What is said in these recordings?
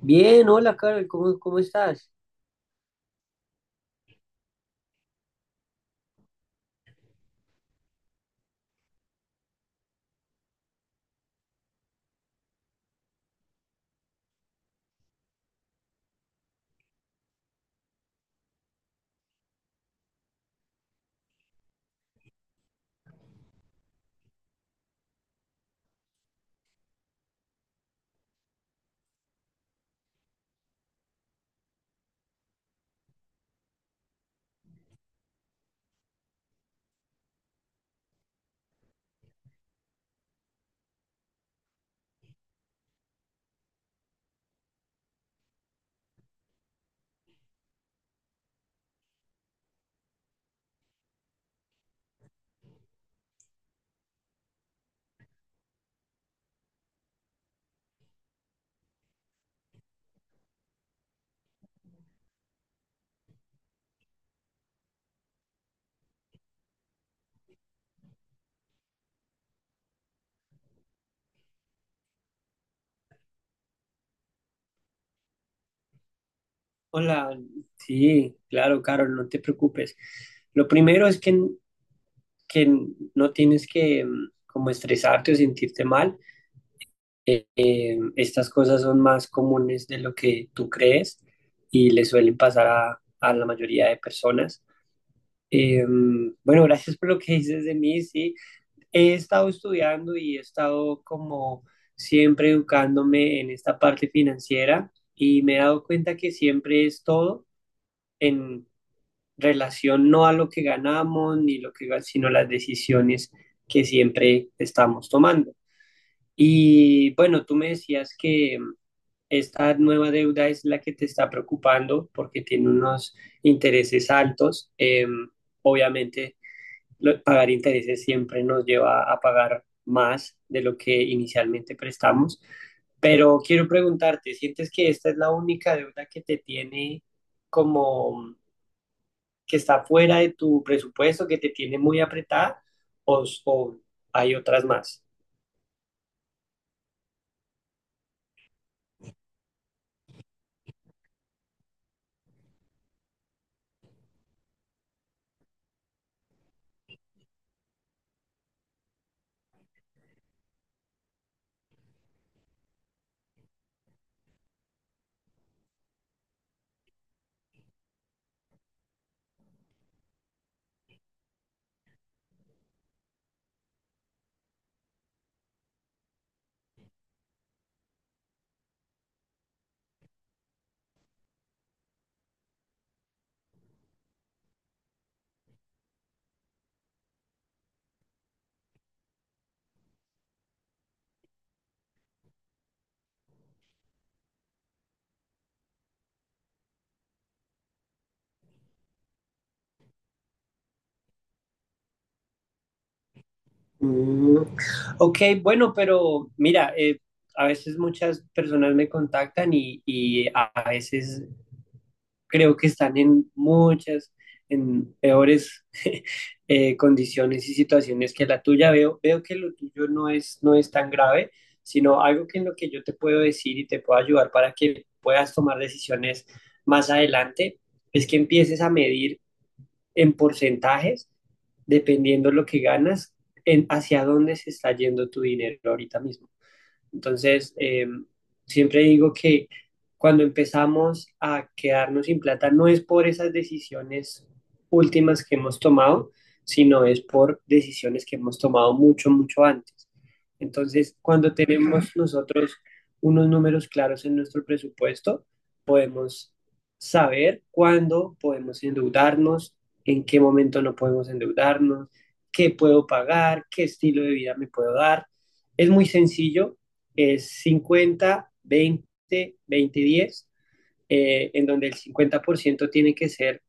Bien, hola Carol, ¿cómo estás? Hola, sí, claro, Carol, no te preocupes. Lo primero es que no tienes que como estresarte o sentirte mal. Estas cosas son más comunes de lo que tú crees y le suelen pasar a la mayoría de personas. Bueno, gracias por lo que dices de mí, sí. He estado estudiando y he estado como siempre educándome en esta parte financiera y me he dado cuenta que siempre es todo en relación no a lo que ganamos ni sino las decisiones que siempre estamos tomando. Y bueno, tú me decías que esta nueva deuda es la que te está preocupando porque tiene unos intereses altos. Obviamente pagar intereses siempre nos lleva a pagar más de lo que inicialmente prestamos. Pero quiero preguntarte, ¿sientes que esta es la única deuda que te tiene como que está fuera de tu presupuesto, que te tiene muy apretada o hay otras más? Mm, ok, bueno, pero mira, a veces muchas personas me contactan y a veces creo que están en en peores condiciones y situaciones que la tuya. Veo que lo tuyo no es tan grave, sino algo que en lo que yo te puedo decir y te puedo ayudar para que puedas tomar decisiones más adelante, es que empieces a medir en porcentajes, dependiendo lo que ganas, en hacia dónde se está yendo tu dinero ahorita mismo. Entonces, siempre digo que cuando empezamos a quedarnos sin plata no es por esas decisiones últimas que hemos tomado, sino es por decisiones que hemos tomado mucho, mucho antes. Entonces, cuando tenemos nosotros unos números claros en nuestro presupuesto, podemos saber cuándo podemos endeudarnos, en qué momento no podemos endeudarnos, qué puedo pagar, qué estilo de vida me puedo dar. Es muy sencillo, es 50 20 20 10, en donde el 50% tiene que ser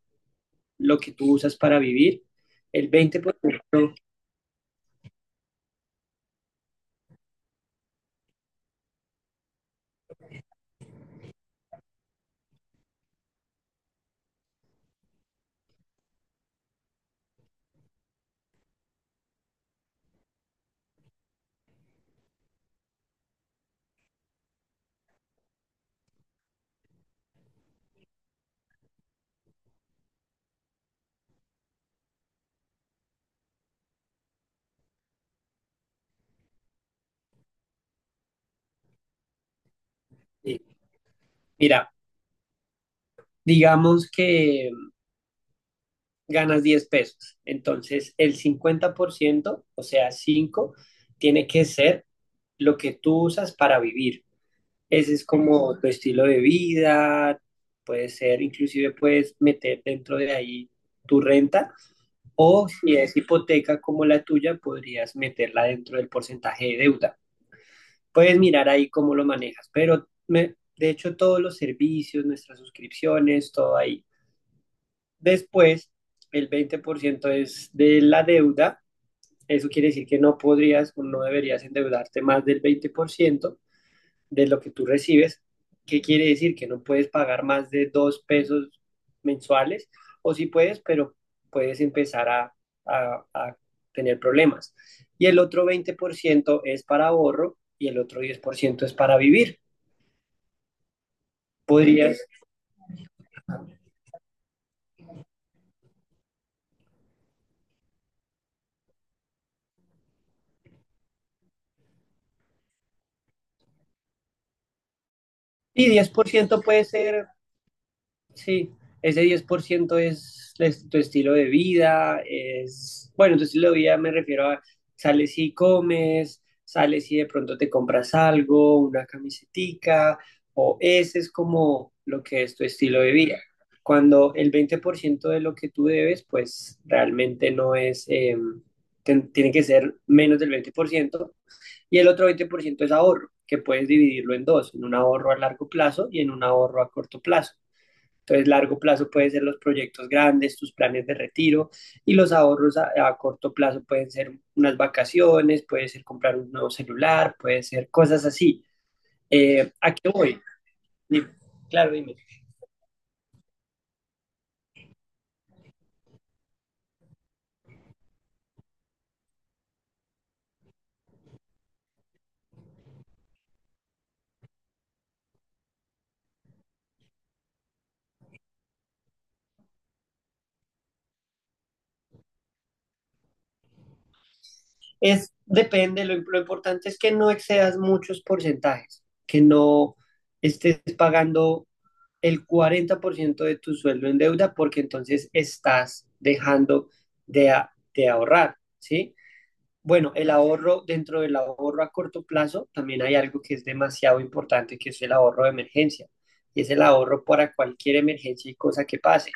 lo que tú usas para vivir. El 20%, mira, digamos que ganas 10 pesos, entonces el 50%, o sea, cinco, tiene que ser lo que tú usas para vivir. Ese es como tu estilo de vida, puede ser, inclusive puedes meter dentro de ahí tu renta. O si es hipoteca como la tuya, podrías meterla dentro del porcentaje de deuda. Puedes mirar ahí cómo lo manejas, pero de hecho todos los servicios, nuestras suscripciones, todo ahí. Después, el 20% es de la deuda. Eso quiere decir que no podrías o no deberías endeudarte más del 20% de lo que tú recibes. ¿Qué quiere decir? Que no puedes pagar más de 2 pesos mensuales, o si sí puedes, pero puedes empezar a tener problemas. Y el otro 20% es para ahorro y el otro 10% es para vivir. Podrías, y 10% puede ser. Sí, ese 10% es tu estilo de vida, es, bueno, tu estilo de vida me refiero a sales y comes, sales y de pronto te compras algo, una camisetica, o ese es como lo que es tu estilo de vida. Cuando el 20% de lo que tú debes, pues realmente no es, tiene que ser menos del 20% y el otro 20% es ahorro, que puedes dividirlo en dos, en un ahorro a largo plazo y en un ahorro a corto plazo. Entonces, largo plazo pueden ser los proyectos grandes, tus planes de retiro y los ahorros corto plazo pueden ser unas vacaciones, puede ser comprar un nuevo celular, puede ser cosas así. ¿A qué voy? Dime, claro, dime. Es, depende, lo importante es que no excedas muchos porcentajes, que no estés pagando el 40% de tu sueldo en deuda porque entonces estás dejando de ahorrar, ¿sí? Bueno, el ahorro, dentro del ahorro a corto plazo, también hay algo que es demasiado importante, que es el ahorro de emergencia. Y es el ahorro para cualquier emergencia y cosa que pase.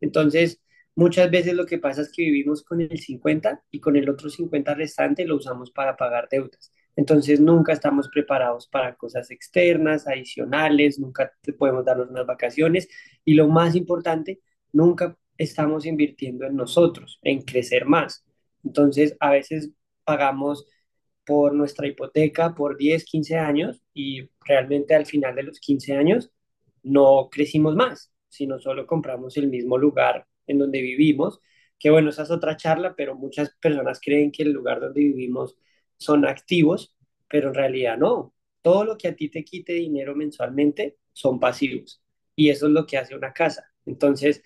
Entonces, muchas veces lo que pasa es que vivimos con el 50 y con el otro 50 restante lo usamos para pagar deudas. Entonces, nunca estamos preparados para cosas externas, adicionales, nunca podemos darnos unas vacaciones. Y lo más importante, nunca estamos invirtiendo en nosotros, en crecer más. Entonces, a veces pagamos por nuestra hipoteca por 10 15 años y realmente al final de los 15 años no crecimos más, sino solo compramos el mismo lugar en donde vivimos, que bueno, esa es otra charla, pero muchas personas creen que el lugar donde vivimos son activos, pero en realidad no. Todo lo que a ti te quite dinero mensualmente son pasivos y eso es lo que hace una casa. Entonces,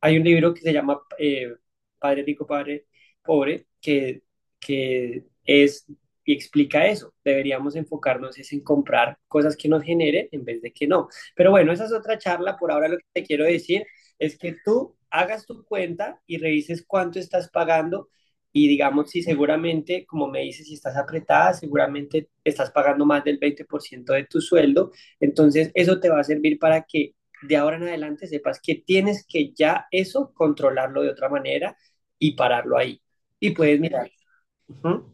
hay un libro que se llama Padre Rico, Padre Pobre, que es y explica eso. Deberíamos enfocarnos es en comprar cosas que nos generen en vez de que no. Pero bueno, esa es otra charla. Por ahora lo que te quiero decir es que tú hagas tu cuenta y revises cuánto estás pagando y digamos si seguramente, como me dices, si estás apretada, seguramente estás pagando más del 20% de tu sueldo. Entonces eso te va a servir para que de ahora en adelante sepas que tienes que ya eso controlarlo de otra manera y pararlo ahí. Y puedes mirar. Ujú.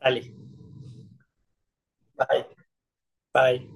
Dale, bye, bye.